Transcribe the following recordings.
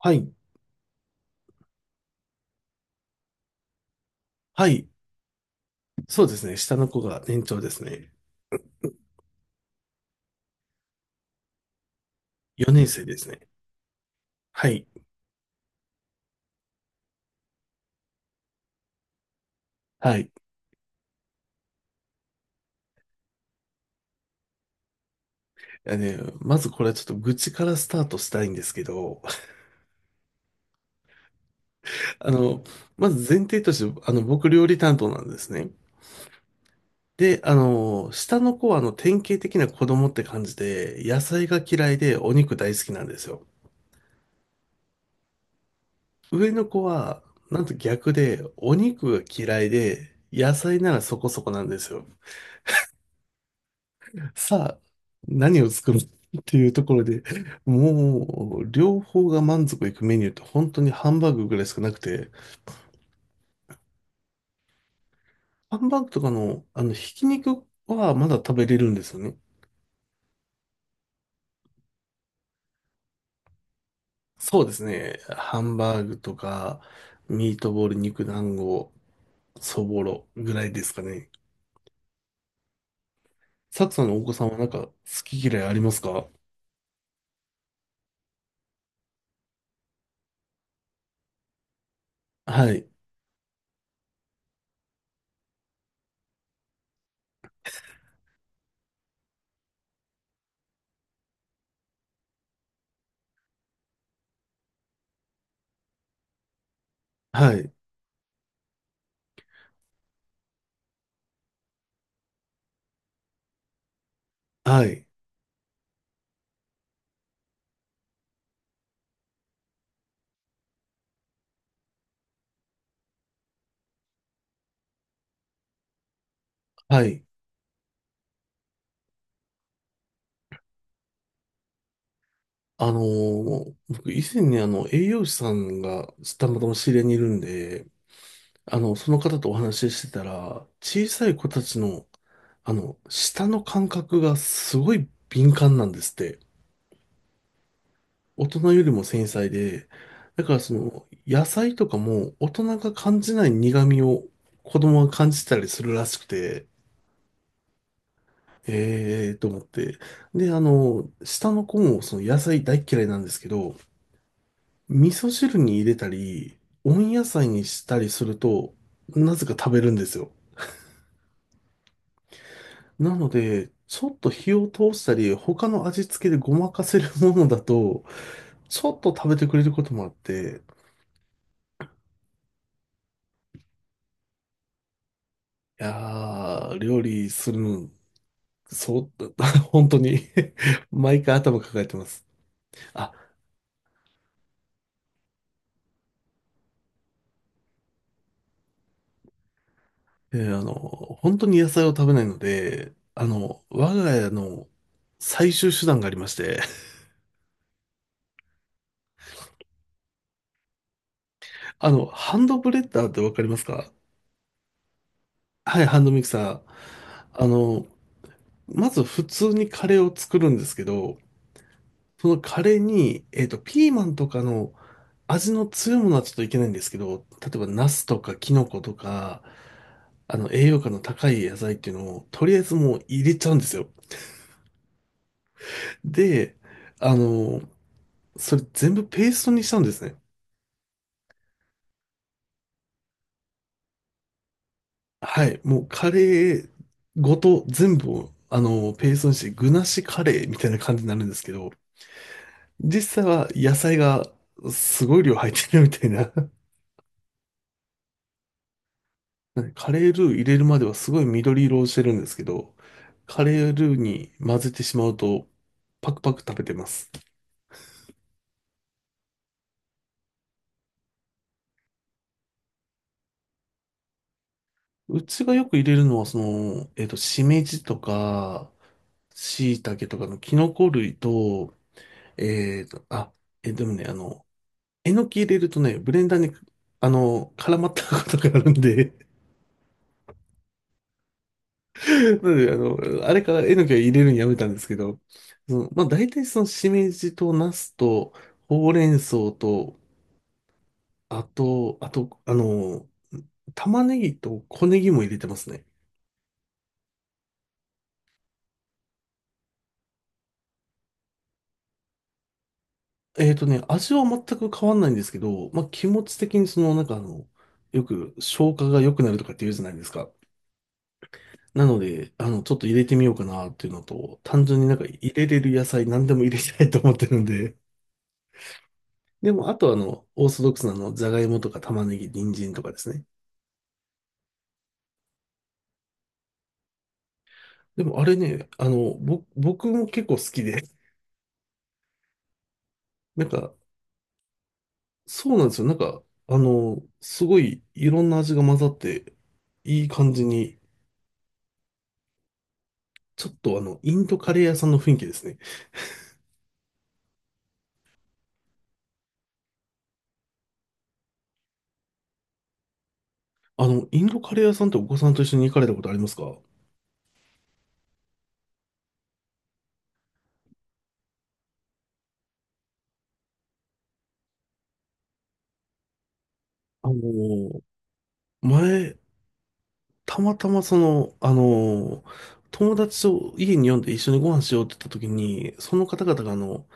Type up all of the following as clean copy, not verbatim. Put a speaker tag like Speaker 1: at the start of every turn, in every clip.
Speaker 1: はい。はい。そうですね。下の子が年長ですね。4年生ですね。はい。はい。あね、まずこれはちょっと愚痴からスタートしたいんですけど、あの、まず前提として、僕料理担当なんですね。で、あの、下の子は典型的な子供って感じで、野菜が嫌いでお肉大好きなんですよ。上の子は、なんと逆で、お肉が嫌いで、野菜ならそこそこなんですよ。さあ、何を作るっていうところで、もう、両方が満足いくメニューって本当にハンバーグぐらいしかなくて、ハンバーグとかの、ひき肉はまだ食べれるんですよね。そうですね。ハンバーグとか、ミートボール、肉団子、そぼろぐらいですかね。サクさんのお子さんはなんか好き嫌いありますか？はい、はい、はい、はい。僕以前に栄養士さんがたまたま知り合いにいるんで、その方とお話ししてたら、小さい子たちの、舌の感覚がすごい敏感なんですって。大人よりも繊細で、だからその、野菜とかも大人が感じない苦味を子供が感じたりするらしくて、ええー、と思って。で、あの、下の子もその野菜大っ嫌いなんですけど、味噌汁に入れたり、温野菜にしたりすると、なぜか食べるんですよ。なので、ちょっと火を通したり、他の味付けでごまかせるものだと、ちょっと食べてくれることもあって、いやー、料理するの、そう、本当に 毎回頭抱えてます。あ、えー本当に野菜を食べないので、我が家の最終手段がありまして、ハンドブレッダーってわかりますか？はい、ハンドミキサー。あの、まず普通にカレーを作るんですけど、そのカレーに、えっと、ピーマンとかの味の強いものはちょっといけないんですけど、例えばナスとかキノコとか、栄養価の高い野菜っていうのを、とりあえずもう入れちゃうんですよ。で、あの、それ全部ペーストにしたんですね。はい。もうカレーごと全部を、ペーストにして、具なしカレーみたいな感じになるんですけど、実際は野菜がすごい量入ってるみたいな、なんでカレールー入れるまではすごい緑色をしてるんですけど、カレールーに混ぜてしまうとパクパク食べてます。うちがよく入れるのはその、えっと、しめじとか、しいたけとかのキノコ類と、えっと、あ、え、でもね、えのき入れるとね、ブレンダーに、絡まったことがあるんで、なので、あれからえのきは入れるのやめたんですけど、その、まあ、大体そのしめじとナスと、ほうれん草と、あと、玉ねぎと小ネギも入れてますね。えっとね、味は全く変わんないんですけど、まあ、気持ち的にその、なんか、よく消化が良くなるとかって言うじゃないですか。なので、ちょっと入れてみようかなっていうのと、単純になんか入れれる野菜何でも入れたいと思ってるんで。でも、あとオーソドックスなじゃがいもとか玉ねぎ、人参とかですね。でもあれね、僕も結構好きで、なんか、そうなんですよ。なんか、すごいいろんな味が混ざって、いい感じに、ちょっとインドカレー屋さんの雰囲気ですね。インドカレー屋さんってお子さんと一緒に行かれたことありますか？あの、前、たまたま友達と家に呼んで一緒にご飯しようって言った時に、その方々が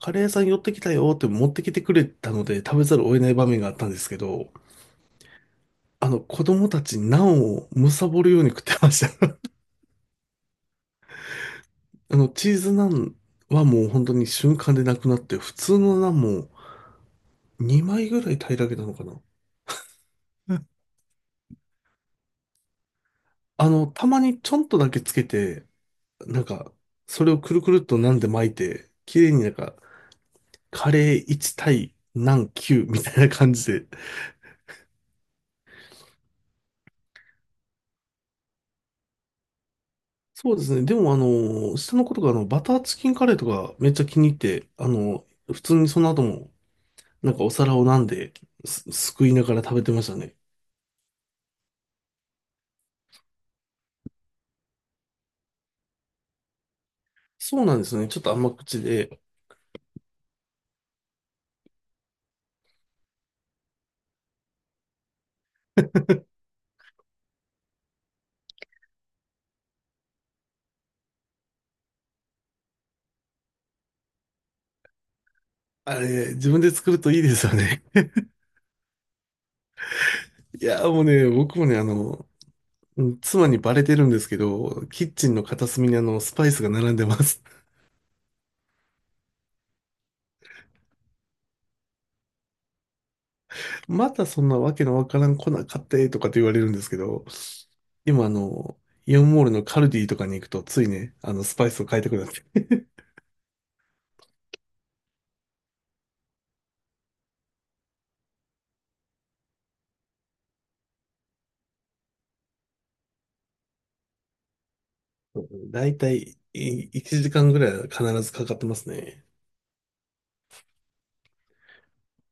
Speaker 1: カレー屋さん寄ってきたよって持ってきてくれたので食べざるを得ない場面があったんですけど、子供たちナンを貪るように食ってました。チーズナンはもう本当に瞬間でなくなって、普通のナンも2枚ぐらい平らげたのかな。たまにちょんとだけつけて、なんか、それをくるくるっとナンで巻いて、綺麗になんか、カレー1対ナン9みたいな感じで。そうですね。でも下の子とかバターチキンカレーとかめっちゃ気に入って、普通にその後も、なんかお皿をナンですくいながら食べてましたね。そうなんですね。ちょっと甘口で。あれ、自分で作るといいですよね。いや、もうね、僕もね、妻にバレてるんですけど、キッチンの片隅にスパイスが並んでます。またそんなわけのわからん粉買ってとかって言われるんですけど、今イオンモールのカルディとかに行くと、ついね、スパイスを買いたくなって。だいたい1時間ぐらいは必ずかかってますね。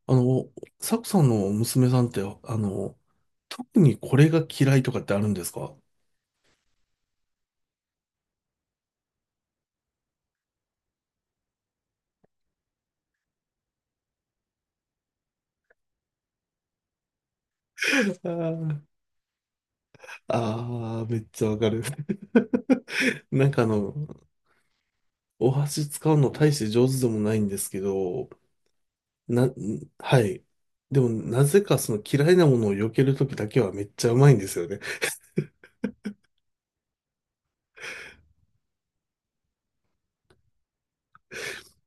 Speaker 1: あの、サクさんの娘さんって、特にこれが嫌いとかってあるんですか？ああー、めっちゃわかる。なんかあの、お箸使うの大して上手でもないんですけど、な、はい。でも、なぜかその嫌いなものを避けるときだけはめっちゃうまいんですよね。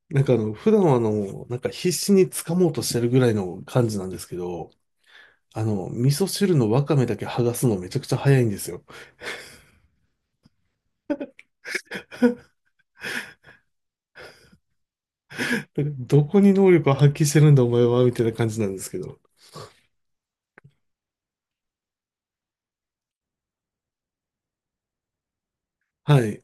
Speaker 1: 普段は必死に掴もうとしてるぐらいの感じなんですけど、味噌汁のわかめだけ剥がすのめちゃくちゃ早いんですよ。どこに能力を発揮してるんだお前は、みたいな感じなんですけど。はい。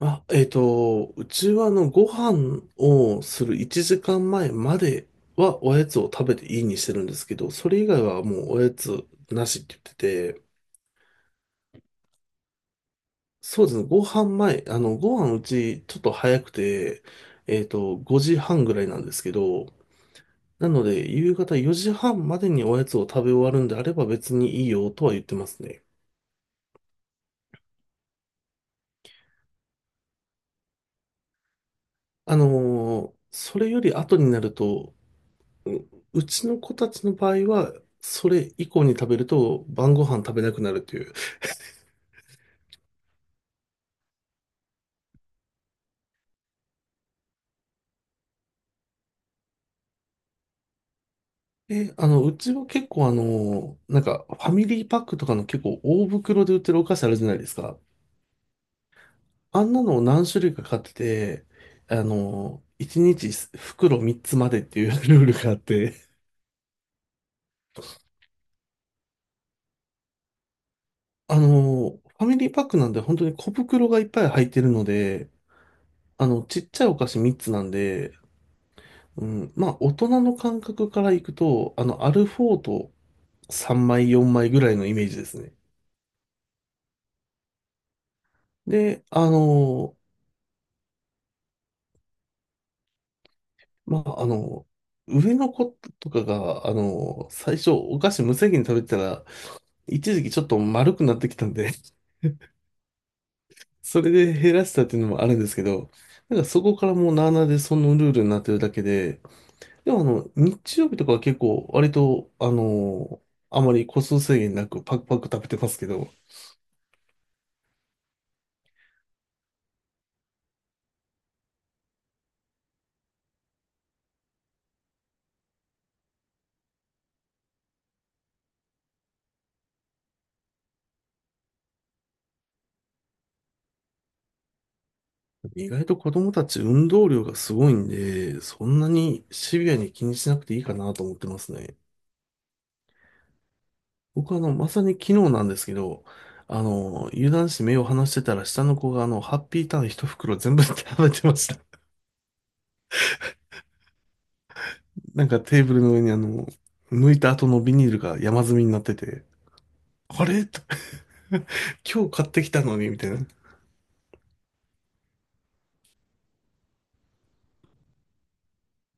Speaker 1: あ、えっと、うちはご飯をする1時間前まではおやつを食べていいにしてるんですけど、それ以外はもうおやつなしって言ってて、そうですね、ご飯前、ご飯うちちょっと早くて、えっと、5時半ぐらいなんですけど、なので、夕方4時半までにおやつを食べ終わるんであれば別にいいよとは言ってますね。それより後になると、う、うちの子たちの場合は、それ以降に食べると晩ご飯食べなくなるという。で、あの、うちは結構なんかファミリーパックとかの結構大袋で売ってるお菓子あるじゃないですか。あんなのを何種類か買ってて、1日袋3つまでっていう ルールがあって、ファミリーパックなんで本当に小袋がいっぱい入ってるので、ちっちゃいお菓子3つなんで、うん、まあ、大人の感覚からいくと、アルフォート3枚、4枚ぐらいのイメージですね。で、あの、まあ、あの、上の子とかが、最初お菓子無制限に食べてたら、一時期ちょっと丸くなってきたんで、それで減らしたっていうのもあるんですけど、なんかそこからもうなあなあでそのルールになってるだけで、でも日曜日とかは結構割と、あまり個数制限なくパクパク食べてますけど、意外と子供たち運動量がすごいんで、そんなにシビアに気にしなくていいかなと思ってますね。僕はまさに昨日なんですけど、油断して目を離してたら下の子がハッピーターン一袋全部 食べてました。なんかテーブルの上に剥いた後のビニールが山積みになってて、あれと 今日買ってきたのに、みたいな。